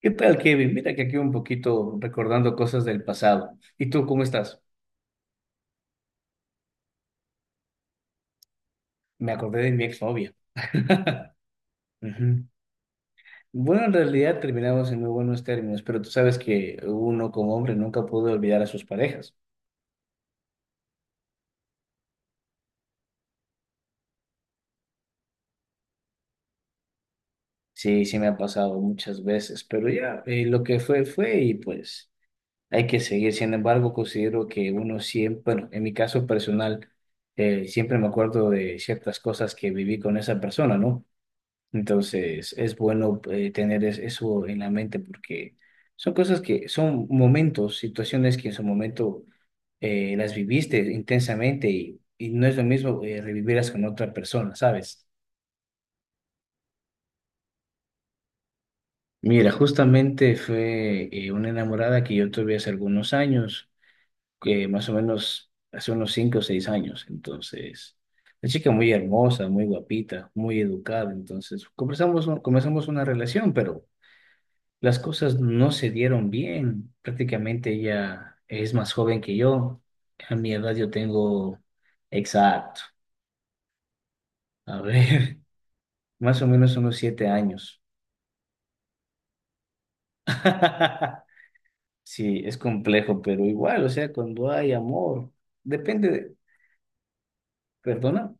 ¿Qué tal, Kevin? Mira que aquí un poquito recordando cosas del pasado. ¿Y tú cómo estás? Me acordé de mi exnovia. Ujú. Bueno, en realidad terminamos en muy buenos términos, pero tú sabes que uno como hombre nunca puede olvidar a sus parejas. Sí, sí me ha pasado muchas veces, pero ya lo que fue fue y pues hay que seguir. Sin embargo, considero que uno siempre, bueno, en mi caso personal, siempre me acuerdo de ciertas cosas que viví con esa persona, ¿no? Entonces, es bueno tener eso en la mente porque son cosas que son momentos, situaciones que en su momento las viviste intensamente y no es lo mismo revivirlas con otra persona, ¿sabes? Mira, justamente fue una enamorada que yo tuve hace algunos años, que más o menos hace unos 5 o 6 años. Entonces, una chica muy hermosa, muy guapita, muy educada. Entonces, comenzamos una relación, pero... Las cosas no se dieron bien. Prácticamente ella es más joven que yo. A mi edad yo tengo, exacto, a ver, más o menos unos 7 años. Sí, es complejo, pero igual, o sea, cuando hay amor, depende de, perdona,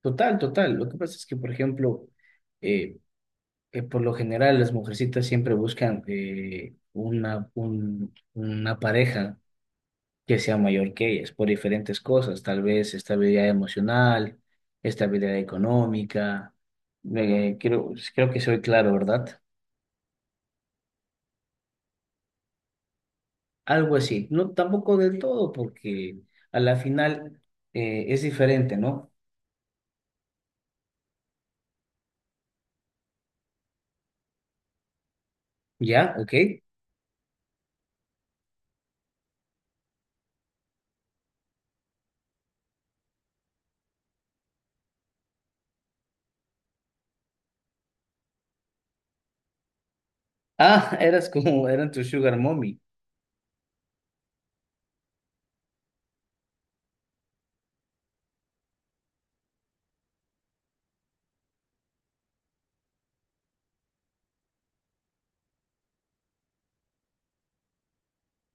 total, total. Lo que pasa es que, por ejemplo, eh, por lo general las mujercitas siempre buscan una, una pareja que sea mayor que ellas por diferentes cosas, tal vez estabilidad emocional, estabilidad económica. Me creo, pues, creo que soy claro, ¿verdad? Algo así. No, tampoco del todo, porque a la final es diferente, ¿no? ¿Ya? ¿Ok? Ah, eras como, eran tu sugar mommy.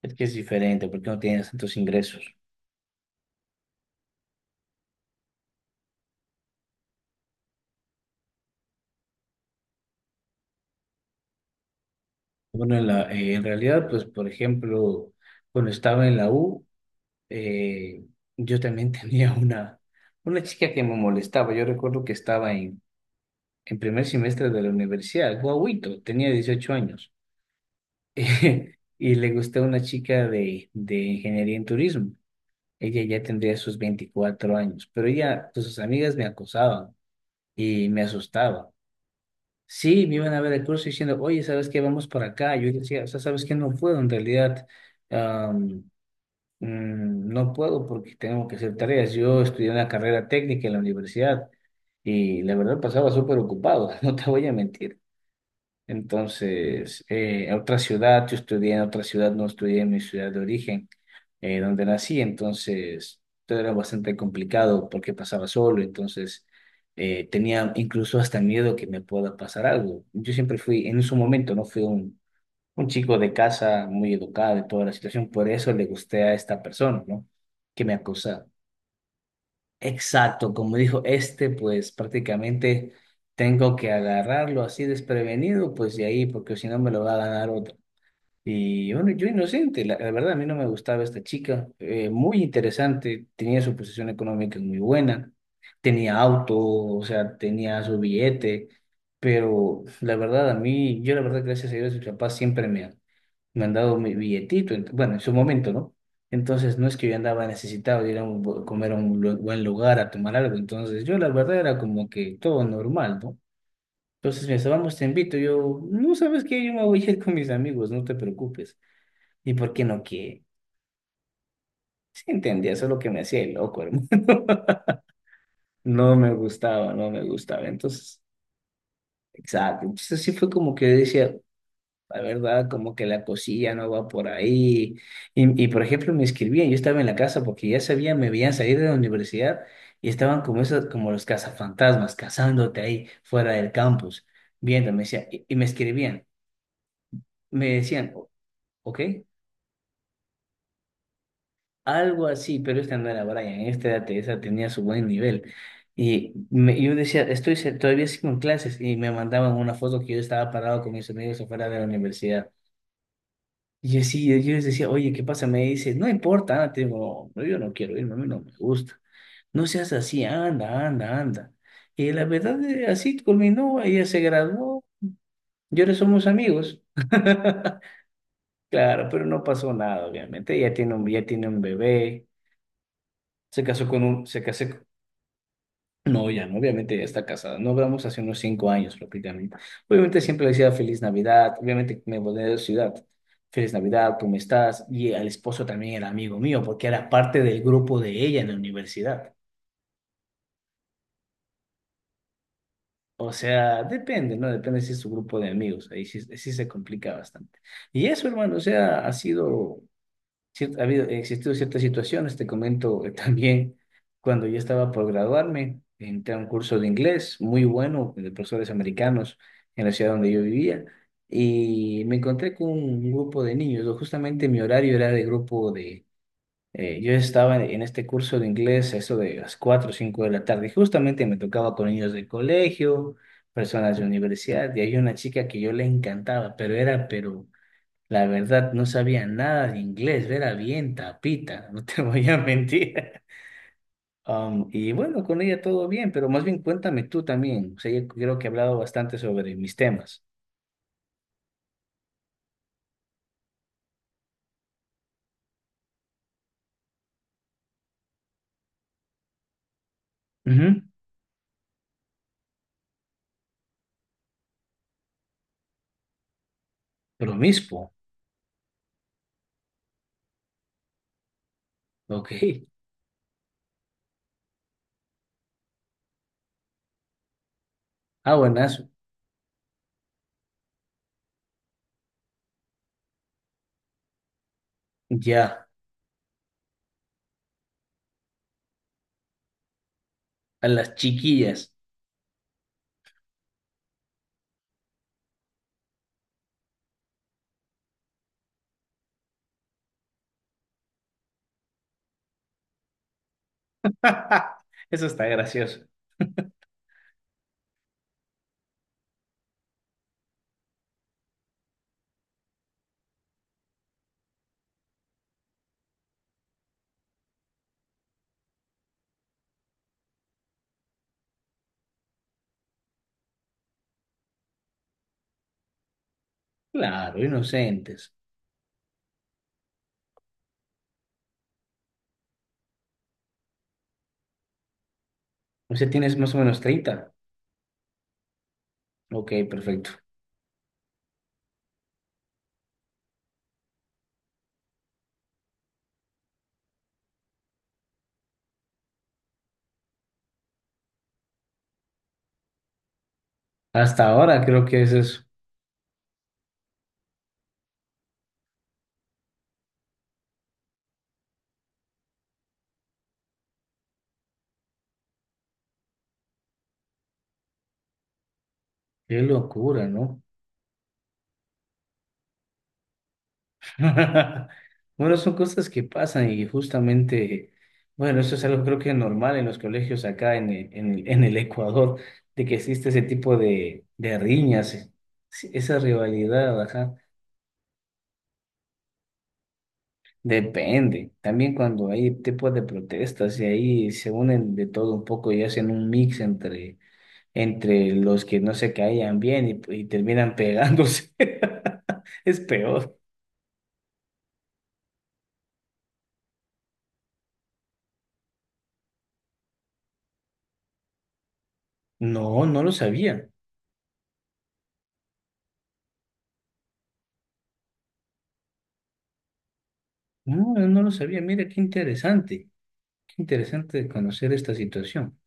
Es que es diferente porque no tienes tantos ingresos. Bueno, en realidad, pues, por ejemplo, cuando estaba en la U, eh, yo también tenía una chica que me molestaba. Yo recuerdo que estaba en primer semestre de la universidad, guauito, tenía 18 años. y le gustaba una chica de ingeniería en turismo. Ella ya tendría sus 24 años, pero ella, pues sus amigas me acosaban y me asustaban. Sí, me iban a ver el curso diciendo, oye, ¿sabes qué? Vamos para acá. Yo decía, o sea, ¿sabes qué? No puedo en realidad. No puedo porque tengo que hacer tareas. Yo estudié una carrera técnica en la universidad y la verdad pasaba súper ocupado, no te voy a mentir. Entonces, en otra ciudad, yo estudié en otra ciudad, no estudié en mi ciudad de origen, donde nací. Entonces, todo era bastante complicado porque pasaba solo. Entonces, tenía incluso hasta miedo que me pueda pasar algo. Yo siempre fui, en su momento, no fui un chico de casa muy educado y toda la situación, por eso le gusté a esta persona, ¿no? Que me acusa. Exacto, como dijo este, pues prácticamente tengo que agarrarlo así desprevenido, pues de ahí, porque si no me lo va a ganar otro. Y bueno, yo inocente, la verdad a mí no me gustaba esta chica, muy interesante, tenía su posición económica muy buena, tenía auto, o sea, tenía su billete, pero la verdad a mí, yo la verdad gracias a Dios, mis papás siempre me, me han dado mi billetito, bueno, en su momento, ¿no? Entonces no es que yo andaba necesitado de ir a un comer a un buen lugar, a tomar algo, entonces yo la verdad era como que todo normal, ¿no? Entonces me decía, vamos, te invito, yo, no sabes qué, yo me voy a ir con mis amigos, no te preocupes. ¿Y por qué no qué? Sí, entendía, eso es lo que me hacía el loco, hermano. No me gustaba, no me gustaba. Entonces, exacto. Entonces sí fue como que decía, la verdad, como que la cosilla no va por ahí. Y por ejemplo, me escribían, yo estaba en la casa porque ya sabían, me veían salir de la universidad y estaban como esos, como los cazafantasmas, cazándote ahí fuera del campus, viéndome, decía, y me escribían, me decían, "O- ok, algo así, pero esta no era Brian, esta era tenía su buen nivel. Y yo decía, estoy todavía sigo en clases y me mandaban una foto que yo estaba parado con mis amigos afuera de la universidad. Y yo sí, yo les decía, oye, ¿qué pasa? Me dice, no importa, anda", te digo, "No, yo no quiero irme, a mí no me gusta. No seas así, anda, anda, anda. Y la verdad, así culminó, ella se graduó, y ahora somos amigos. Claro, pero no pasó nada, obviamente. Ella tiene un, ya tiene un bebé, se casó con un, se casó. No, ya no, obviamente ya está casada. No hablamos hace unos 5 años prácticamente. Obviamente siempre le decía feliz Navidad, obviamente me volví de ciudad. Feliz Navidad, ¿cómo estás? Y el esposo también era amigo mío porque era parte del grupo de ella en la universidad. O sea, depende, ¿no? Depende si es su grupo de amigos. Ahí sí, sí se complica bastante. Y eso, hermano, o sea, ha sido ha habido, existido ciertas situaciones, te comento también, cuando yo estaba por graduarme, entré a un curso de inglés muy bueno de profesores americanos en la ciudad donde yo vivía y me encontré con un grupo de niños, o justamente mi horario era de grupo de, yo estaba en este curso de inglés a eso de las 4 o 5 de la tarde y justamente me tocaba con niños del colegio, personas de universidad y había una chica que yo le encantaba, pero era, pero... La verdad, no sabía nada de inglés, era bien tapita, no te voy a mentir. Y bueno, con ella todo bien, pero más bien cuéntame tú también. O sea, yo creo que he hablado bastante sobre mis temas. Ujú, promiscuo, ok. Ah, buenazo. Ya, a las chiquillas. Eso está gracioso. Claro, inocentes. O sea, tienes más o menos treinta. Ok, perfecto. Hasta ahora creo que es eso. Qué locura, ¿no? Bueno, son cosas que pasan y justamente, bueno, eso es algo creo que normal en los colegios acá en el Ecuador, de que existe ese tipo de riñas, sí, esa rivalidad, ajá, depende. También cuando hay tipos de protestas y ahí se unen de todo un poco y hacen un mix entre, entre los que no se caían bien y terminan pegándose. Es peor. No, no lo sabía. No, yo no lo sabía. Mira, qué interesante. Qué interesante conocer esta situación.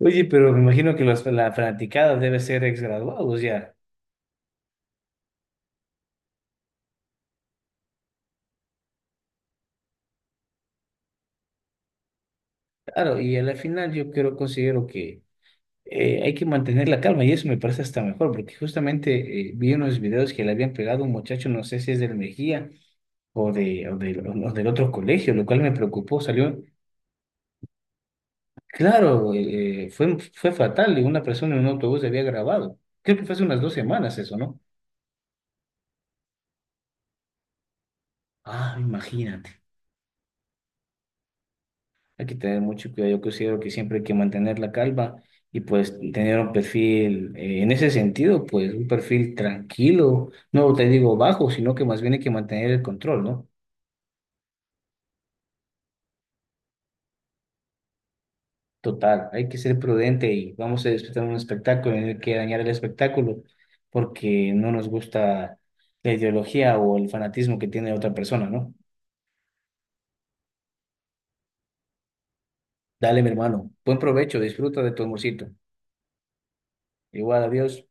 Oye, pero me imagino que los, la fanaticada debe ser exgraduados ya. Claro, y a la final yo creo, considero que hay que mantener la calma y eso me parece hasta mejor, porque justamente vi unos videos que le habían pegado a un muchacho, no sé si es del Mejía o, de, o, del, o del otro colegio, lo cual me preocupó. Salió, claro, fue fatal y una persona en un autobús había grabado. Creo que fue hace unas 2 semanas eso, ¿no? Ah, imagínate. Hay que tener mucho cuidado. Yo considero que siempre hay que mantener la calma y pues tener un perfil, en ese sentido, pues un perfil tranquilo. No te digo bajo, sino que más bien hay que mantener el control, ¿no? Total, hay que ser prudente y vamos a disfrutar un espectáculo, no hay que dañar el espectáculo porque no nos gusta la ideología o el fanatismo que tiene otra persona, ¿no? Dale, mi hermano. Buen provecho, disfruta de tu amorcito. Igual, adiós.